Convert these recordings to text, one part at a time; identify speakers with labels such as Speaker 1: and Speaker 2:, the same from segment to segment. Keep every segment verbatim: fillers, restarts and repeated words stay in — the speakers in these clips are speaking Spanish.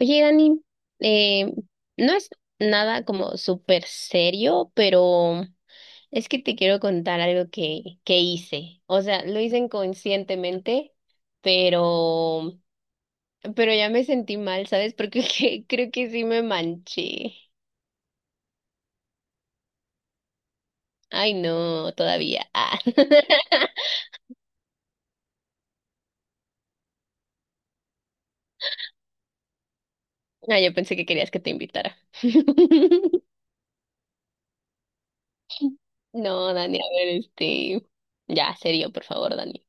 Speaker 1: Oye, Dani, eh, no es nada como súper serio, pero es que te quiero contar algo que, que hice. O sea, lo hice inconscientemente, pero, pero ya me sentí mal, ¿sabes? Porque que- creo que sí me manché. Ay, no, todavía. Ah. Ah, yo pensé que querías que te invitara. No, Dani, a ver, este, ya, serio, por favor, Dani.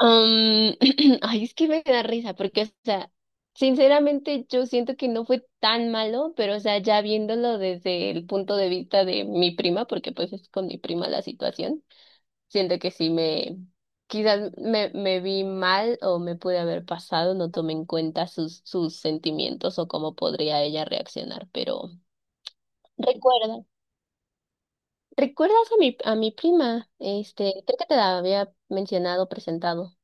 Speaker 1: Um, ay, es que me da risa, porque, o sea, sinceramente yo siento que no fue tan malo, pero, o sea, ya viéndolo desde el punto de vista de mi prima, porque pues es con mi prima la situación, siento que sí me, quizás me, me vi mal o me pude haber pasado, no tomé en cuenta sus, sus sentimientos o cómo podría ella reaccionar, pero recuerda, ¿recuerdas a mi, a mi prima? Este, creo que te la había mencionado, presentado.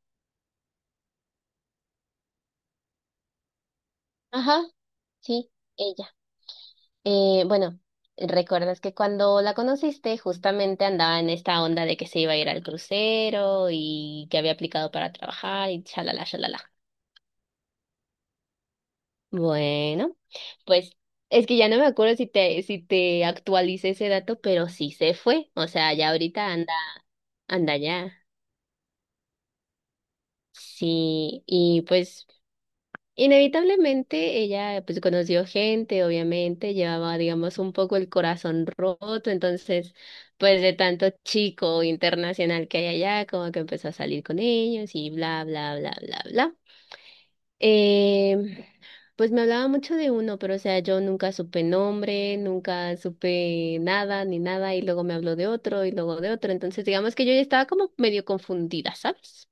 Speaker 1: Ajá, sí. Eh, bueno, recuerdas que cuando la conociste justamente andaba en esta onda de que se iba a ir al crucero y que había aplicado para trabajar y chalala, chalala. Bueno, pues es que ya no me acuerdo si te, si te actualicé ese dato, pero sí se fue. O sea, ya ahorita anda, anda ya. Sí, y pues inevitablemente ella pues conoció gente, obviamente, llevaba digamos un poco el corazón roto, entonces pues de tanto chico internacional que hay allá, como que empezó a salir con ellos y bla, bla, bla, bla, bla. Eh, pues me hablaba mucho de uno, pero o sea, yo nunca supe nombre, nunca supe nada ni nada y luego me habló de otro y luego de otro, entonces digamos que yo ya estaba como medio confundida, ¿sabes?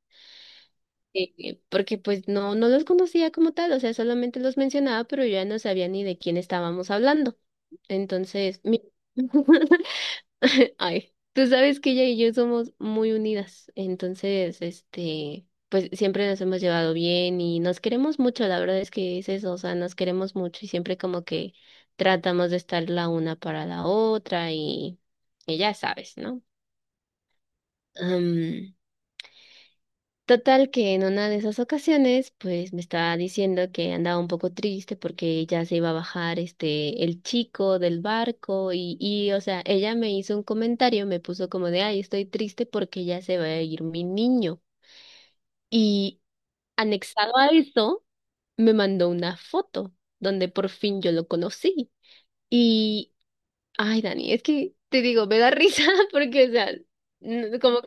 Speaker 1: eh, porque pues no, no los conocía como tal, o sea, solamente los mencionaba, pero yo ya no sabía ni de quién estábamos hablando. Entonces, mi- ay, tú sabes que ella y yo somos muy unidas, entonces, este, pues siempre nos hemos llevado bien y nos queremos mucho, la verdad es que es eso, o sea, nos queremos mucho y siempre como que tratamos de estar la una para la otra y, y ya sabes, ¿no? Total que en una de esas ocasiones, pues me estaba diciendo que andaba un poco triste porque ya se iba a bajar este el chico del barco y, y o sea, ella me hizo un comentario, me puso como de, ay, estoy triste porque ya se va a ir mi niño. Y anexado a eso, me mandó una foto donde por fin yo lo conocí. Y, ay, Dani, es que te digo, me da risa porque, o sea, n- como...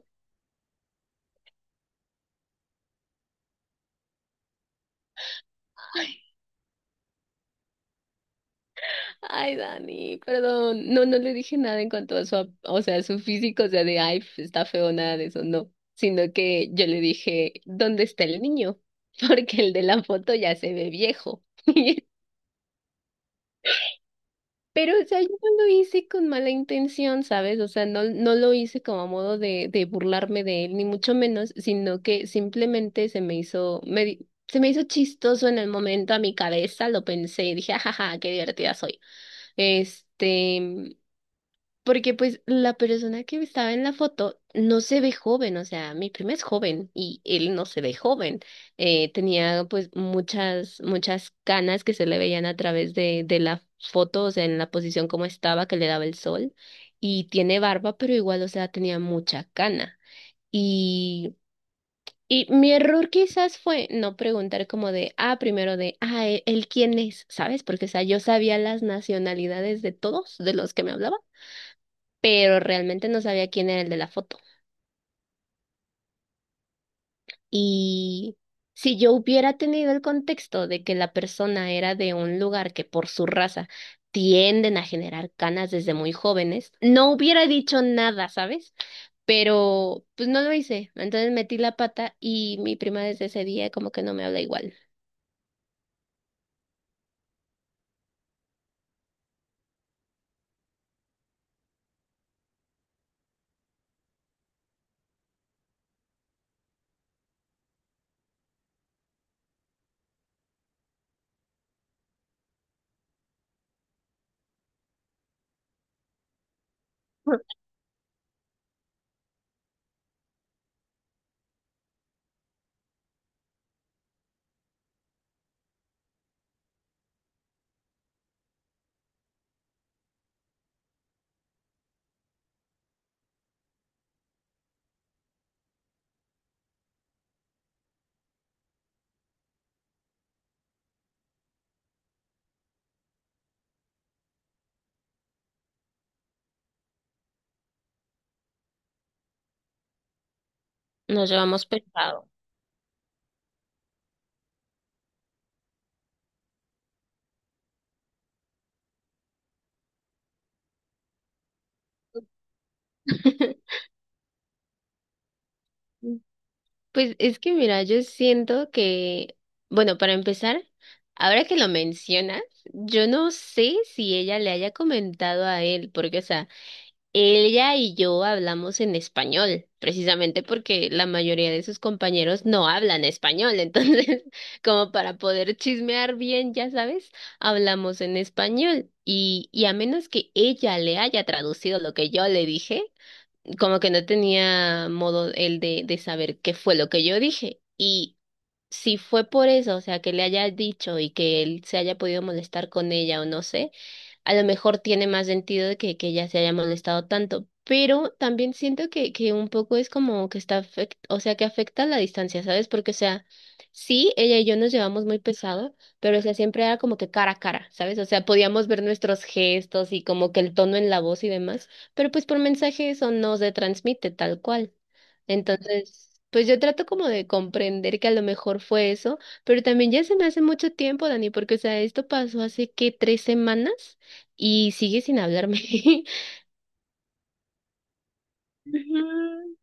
Speaker 1: Ay, Dani, perdón. No, no le dije nada en cuanto a su, ap- o sea, su físico, o sea, de, ay, f- está feo, nada de eso, no. Sino que yo le dije, ¿dónde está el niño? Porque el de la foto ya se ve viejo. Pero, o sea, yo no lo hice con mala intención, ¿sabes? O sea, no, no lo hice como a modo de, de burlarme de él, ni mucho menos, sino que simplemente se me hizo, me, di- se me hizo chistoso en el momento a mi cabeza, lo pensé y dije, ajaja, qué divertida soy. Este, porque pues la persona que estaba en la foto no se ve joven, o sea, mi prima es joven y él no se ve joven. Eh, tenía pues muchas, muchas canas que se le veían a través de, de la foto, o sea, en la posición como estaba, que le daba el sol. Y tiene barba, pero igual, o sea, tenía mucha cana. Y, y mi error quizás fue no preguntar como de, ah, primero de, ah, él, él quién es, ¿sabes? Porque, o sea, yo sabía las nacionalidades de todos de los que me hablaba pero realmente no sabía quién era el de la foto. Y si yo hubiera tenido el contexto de que la persona era de un lugar que por su raza tienden a generar canas desde muy jóvenes, no hubiera dicho nada, ¿sabes? Pero pues no lo hice. Entonces metí la pata y mi prima desde ese día como que no me habla igual. Nos llevamos pesado. Pues es que mira, yo siento que, bueno, para empezar, ahora que lo mencionas, yo no sé si ella le haya comentado a él, porque, o sea, ella y yo hablamos en español, precisamente porque la mayoría de sus compañeros no hablan español, entonces, como para poder chismear bien, ya sabes, hablamos en español. Y, y a menos que ella le haya traducido lo que yo le dije, como que no tenía modo él de, de saber qué fue lo que yo dije. Y si fue por eso, o sea, que le haya dicho y que él se haya podido molestar con ella o no sé, a lo mejor tiene más sentido de que, que ella se haya molestado tanto, pero también siento que, que un poco es como que está, afect- o sea, que afecta la distancia, ¿sabes? Porque, o sea, sí, ella y yo nos llevamos muy pesado, pero, o sea, siempre era como que cara a cara, ¿sabes? O sea, podíamos ver nuestros gestos y como que el tono en la voz y demás, pero pues por mensaje eso no se transmite tal cual. Entonces... pues yo trato como de comprender que a lo mejor fue eso, pero también ya se me hace mucho tiempo, Dani, porque, o sea, esto pasó hace, ¿qué? ¿Tres semanas? Y sigue sin hablarme. Ujú.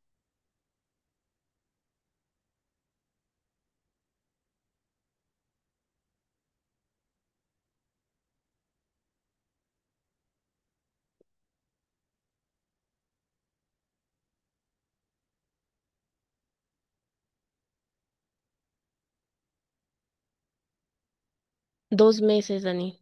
Speaker 1: Dos meses, Dani.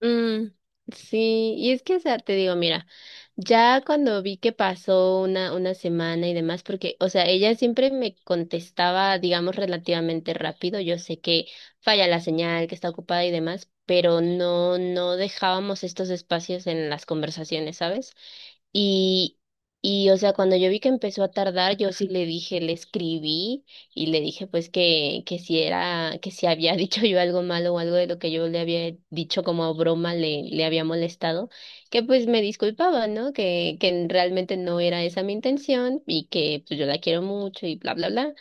Speaker 1: Mm, sí, y es que, o sea, te digo, mira, ya cuando vi que pasó una, una semana y demás, porque, o sea, ella siempre me contestaba, digamos, relativamente rápido. Yo sé que falla la señal, que está ocupada y demás, pero no, no dejábamos estos espacios en las conversaciones, ¿sabes? Y, y, o sea, cuando yo vi que empezó a tardar, yo sí le dije, le escribí y le dije, pues, que, que si era, que si había dicho yo algo malo o algo de lo que yo le había dicho como broma le, le había molestado, que pues me disculpaba, ¿no? Que, que realmente no era esa mi intención y que pues yo la quiero mucho y bla, bla, bla.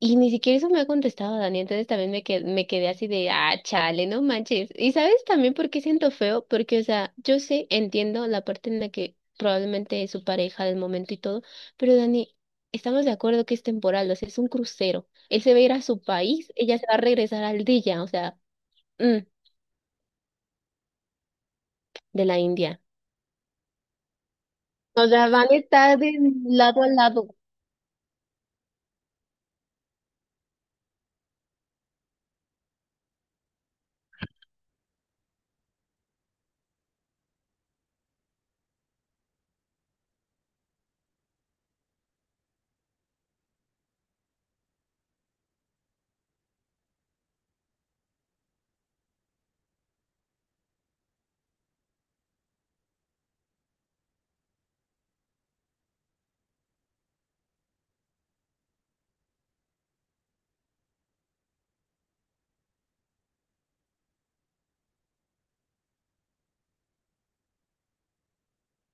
Speaker 1: Y ni siquiera eso me ha contestado Dani, entonces también me quedé, me quedé así de, ah, chale, no manches. Y sabes también por qué siento feo, porque, o sea, yo sé, entiendo la parte en la que probablemente es su pareja del momento y todo, pero Dani, estamos de acuerdo que es temporal, o sea, es un crucero. Él se va a ir a su país, ella se va a regresar al día, o sea, mm, de la India. O sea, van a estar de lado a lado.